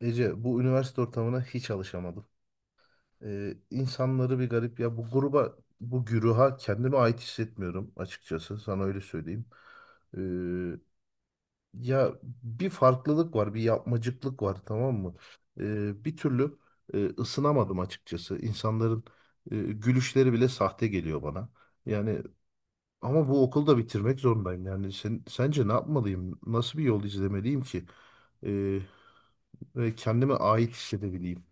Ece, bu üniversite ortamına hiç alışamadım. İnsanları bir garip ya, bu gruba, bu güruha kendime ait hissetmiyorum açıkçası, sana öyle söyleyeyim. Ee, Ya bir farklılık var, bir yapmacıklık var, tamam mı? Bir türlü ısınamadım açıkçası. İnsanların gülüşleri bile sahte geliyor bana. Yani ama bu okulu da bitirmek zorundayım. Yani sen, sence ne yapmalıyım? Nasıl bir yol izlemeliyim ki? Ee, Ve kendime ait hissedebileyim?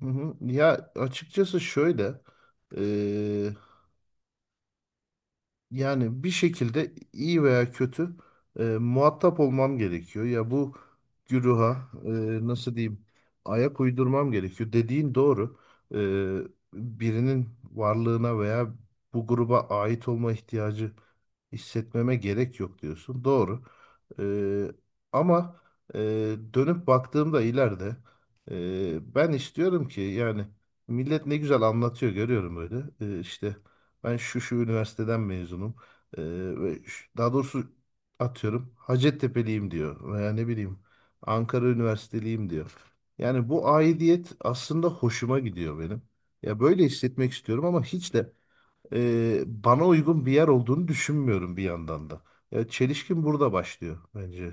Hı hı. Ya açıkçası şöyle eee, yani bir şekilde iyi veya kötü muhatap olmam gerekiyor. Ya bu güruha nasıl diyeyim, ayak uydurmam gerekiyor. Dediğin doğru. Eee, Birinin varlığına veya bu gruba ait olma ihtiyacı hissetmeme gerek yok diyorsun. Doğru. Ee, Ama e, dönüp baktığımda ileride, ben istiyorum ki, yani millet ne güzel anlatıyor görüyorum böyle. İşte ben şu şu üniversiteden mezunum. Ee, ve daha doğrusu atıyorum Hacettepe'liyim diyor, veya ne bileyim Ankara Üniversiteliyim diyor. Yani bu aidiyet aslında hoşuma gidiyor benim. Ya böyle hissetmek istiyorum ama hiç de bana uygun bir yer olduğunu düşünmüyorum bir yandan da. Ya çelişkin burada başlıyor bence.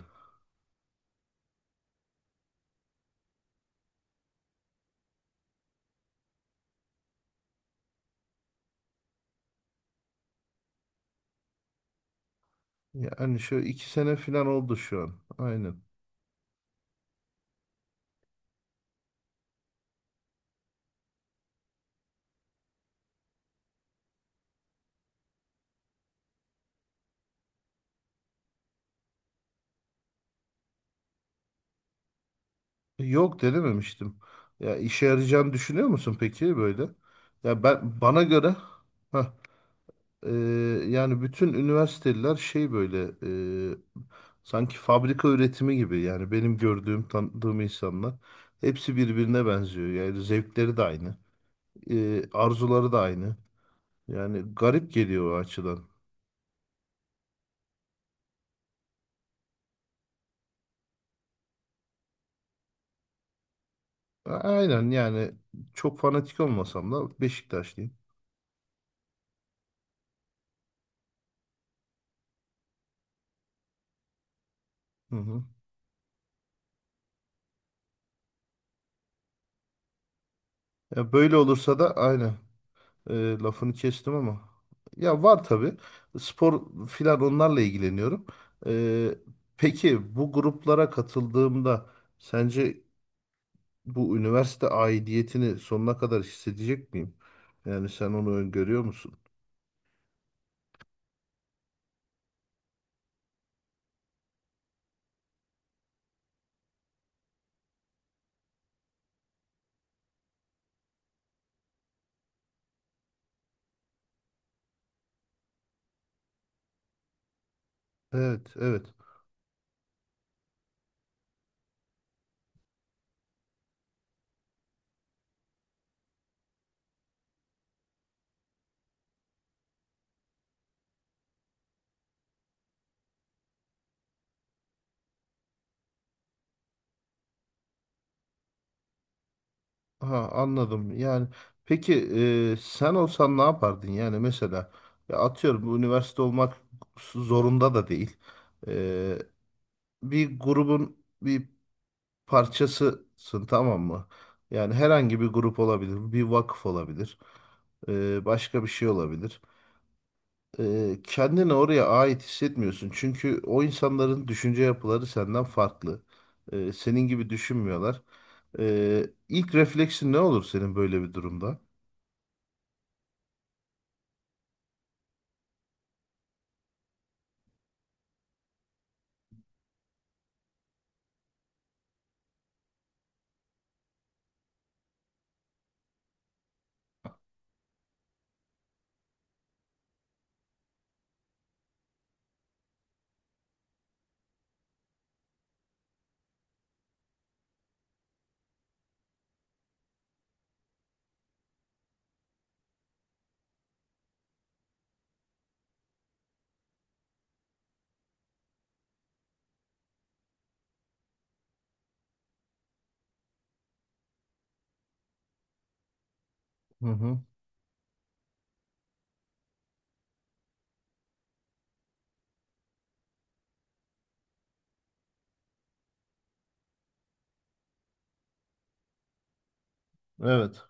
Yani şu iki sene falan oldu şu an. Aynen. Yok, denememiştim. Ya işe yarayacağını düşünüyor musun peki böyle? Ya, ben bana göre, heh, e, yani bütün üniversiteler şey böyle e, sanki fabrika üretimi gibi. Yani benim gördüğüm tanıdığım insanlar hepsi birbirine benziyor. Yani zevkleri de aynı, arzuları da aynı. Yani garip geliyor o açıdan. Aynen, yani çok fanatik olmasam da Beşiktaşlıyım. Hı hı. Ya böyle olursa da aynen, lafını kestim ama, ya var tabii, spor filan, onlarla ilgileniyorum. E, peki bu gruplara katıldığımda sence bu üniversite aidiyetini sonuna kadar hissedecek miyim? Yani sen onu öngörüyor musun? Evet, evet. Ha, anladım. Yani peki, sen olsan ne yapardın? Yani mesela, ya atıyorum bu üniversite olmak zorunda da değil. E, Bir grubun bir parçasısın, tamam mı? Yani herhangi bir grup olabilir, bir vakıf olabilir, başka bir şey olabilir. Kendini oraya ait hissetmiyorsun çünkü o insanların düşünce yapıları senden farklı. Senin gibi düşünmüyorlar. İlk refleksin ne olur senin böyle bir durumda? Hı hı. Evet,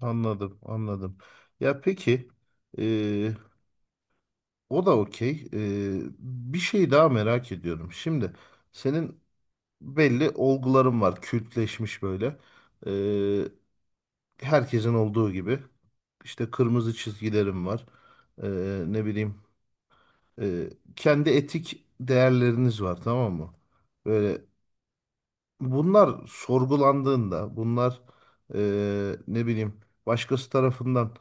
anladım, anladım. Ya peki, e, o da okey. Bir şey daha merak ediyorum. Şimdi senin belli olguların var, kültleşmiş böyle. E, Herkesin olduğu gibi. İşte kırmızı çizgilerim var. E, ne bileyim, e, kendi etik değerleriniz var, tamam mı? Böyle bunlar sorgulandığında, bunlar ne bileyim başkası tarafından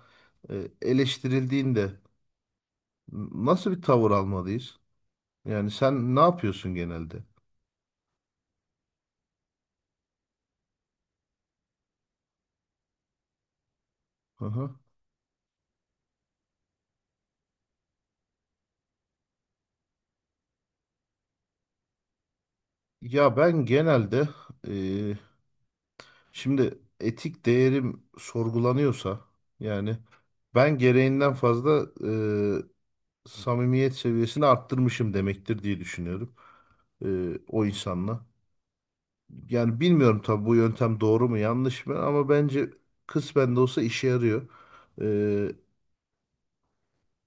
e, eleştirildiğinde nasıl bir tavır almalıyız? Yani sen ne yapıyorsun genelde? Hı hı. Ya ben genelde e, şimdi etik değerim sorgulanıyorsa yani ben gereğinden fazla samimiyet seviyesini arttırmışım demektir diye düşünüyorum e, o insanla. Yani bilmiyorum tabii bu yöntem doğru mu yanlış mı, ama bence kısmen de olsa işe yarıyor. Ee,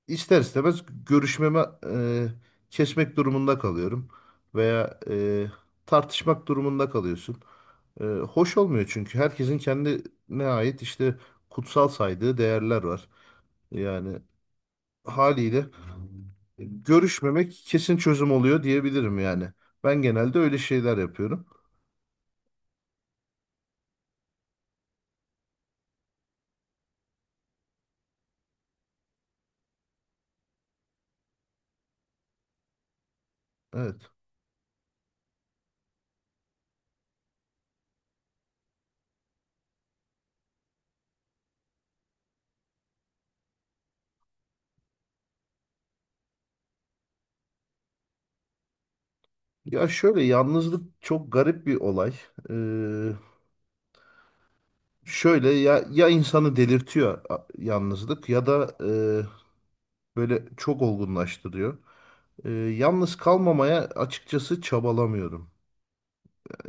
ister istemez görüşmeme kesmek durumunda kalıyorum veya tartışmak durumunda kalıyorsun. Hoş olmuyor çünkü herkesin kendine ait işte kutsal saydığı değerler var. Yani haliyle görüşmemek kesin çözüm oluyor diyebilirim yani. Ben genelde öyle şeyler yapıyorum. Evet. Ya şöyle, yalnızlık çok garip bir olay. Ee, Şöyle, ya ya insanı delirtiyor yalnızlık, ya da böyle çok olgunlaştırıyor. Yalnız kalmamaya açıkçası çabalamıyorum.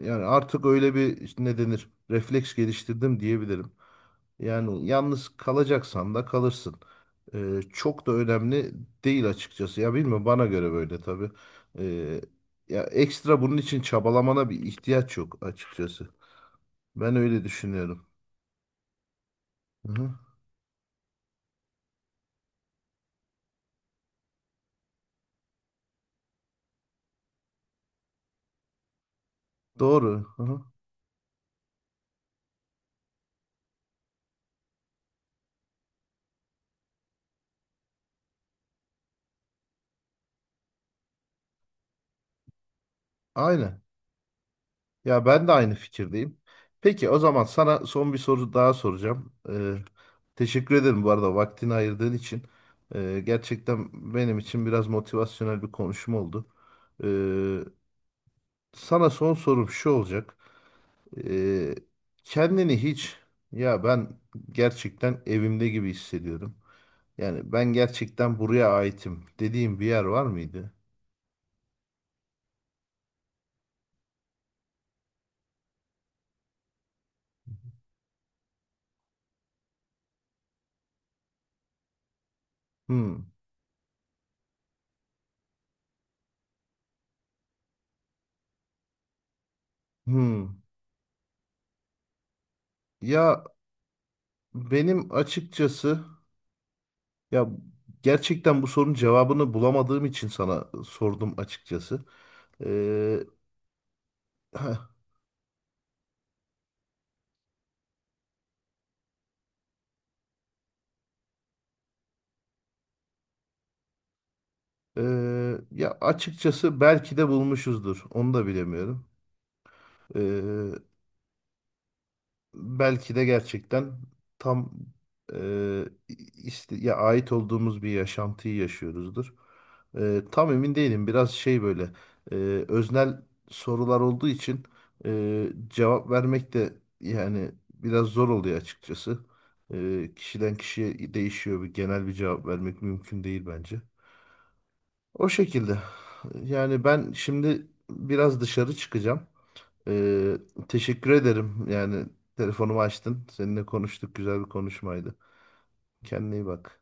Yani artık öyle bir, işte ne denir, refleks geliştirdim diyebilirim. Yani yalnız kalacaksan da kalırsın. Çok da önemli değil açıkçası. Ya bilmiyorum, bana göre böyle tabii. Ee, Ya ekstra bunun için çabalamana bir ihtiyaç yok açıkçası. Ben öyle düşünüyorum. Hı hı. Doğru. Hı hı. Aynen. Ya ben de aynı fikirdeyim. Peki o zaman sana son bir soru daha soracağım. Teşekkür ederim bu arada vaktini ayırdığın için. Gerçekten benim için biraz motivasyonel bir konuşma oldu. Ee, Sana son sorum şu olacak. Ee, Kendini hiç, ya ben gerçekten evimde gibi hissediyorum. Yani ben gerçekten buraya aitim dediğim bir yer var mıydı? Hmm, hmm. Ya benim açıkçası. Ya gerçekten bu sorunun cevabını bulamadığım için sana sordum açıkçası. Ee, heh, Ya açıkçası belki de bulmuşuzdur. Onu da bilemiyorum. Ee, Belki de gerçekten tam, e, ya ait olduğumuz bir yaşantıyı yaşıyoruzdur. E, tam emin değilim. Biraz şey böyle e, öznel sorular olduğu için cevap vermek de yani biraz zor oluyor açıkçası. Kişiden kişiye değişiyor. Bir genel bir cevap vermek mümkün değil bence. O şekilde. Yani ben şimdi biraz dışarı çıkacağım. Ee, Teşekkür ederim. Yani telefonumu açtın. Seninle konuştuk. Güzel bir konuşmaydı. Kendine iyi bak.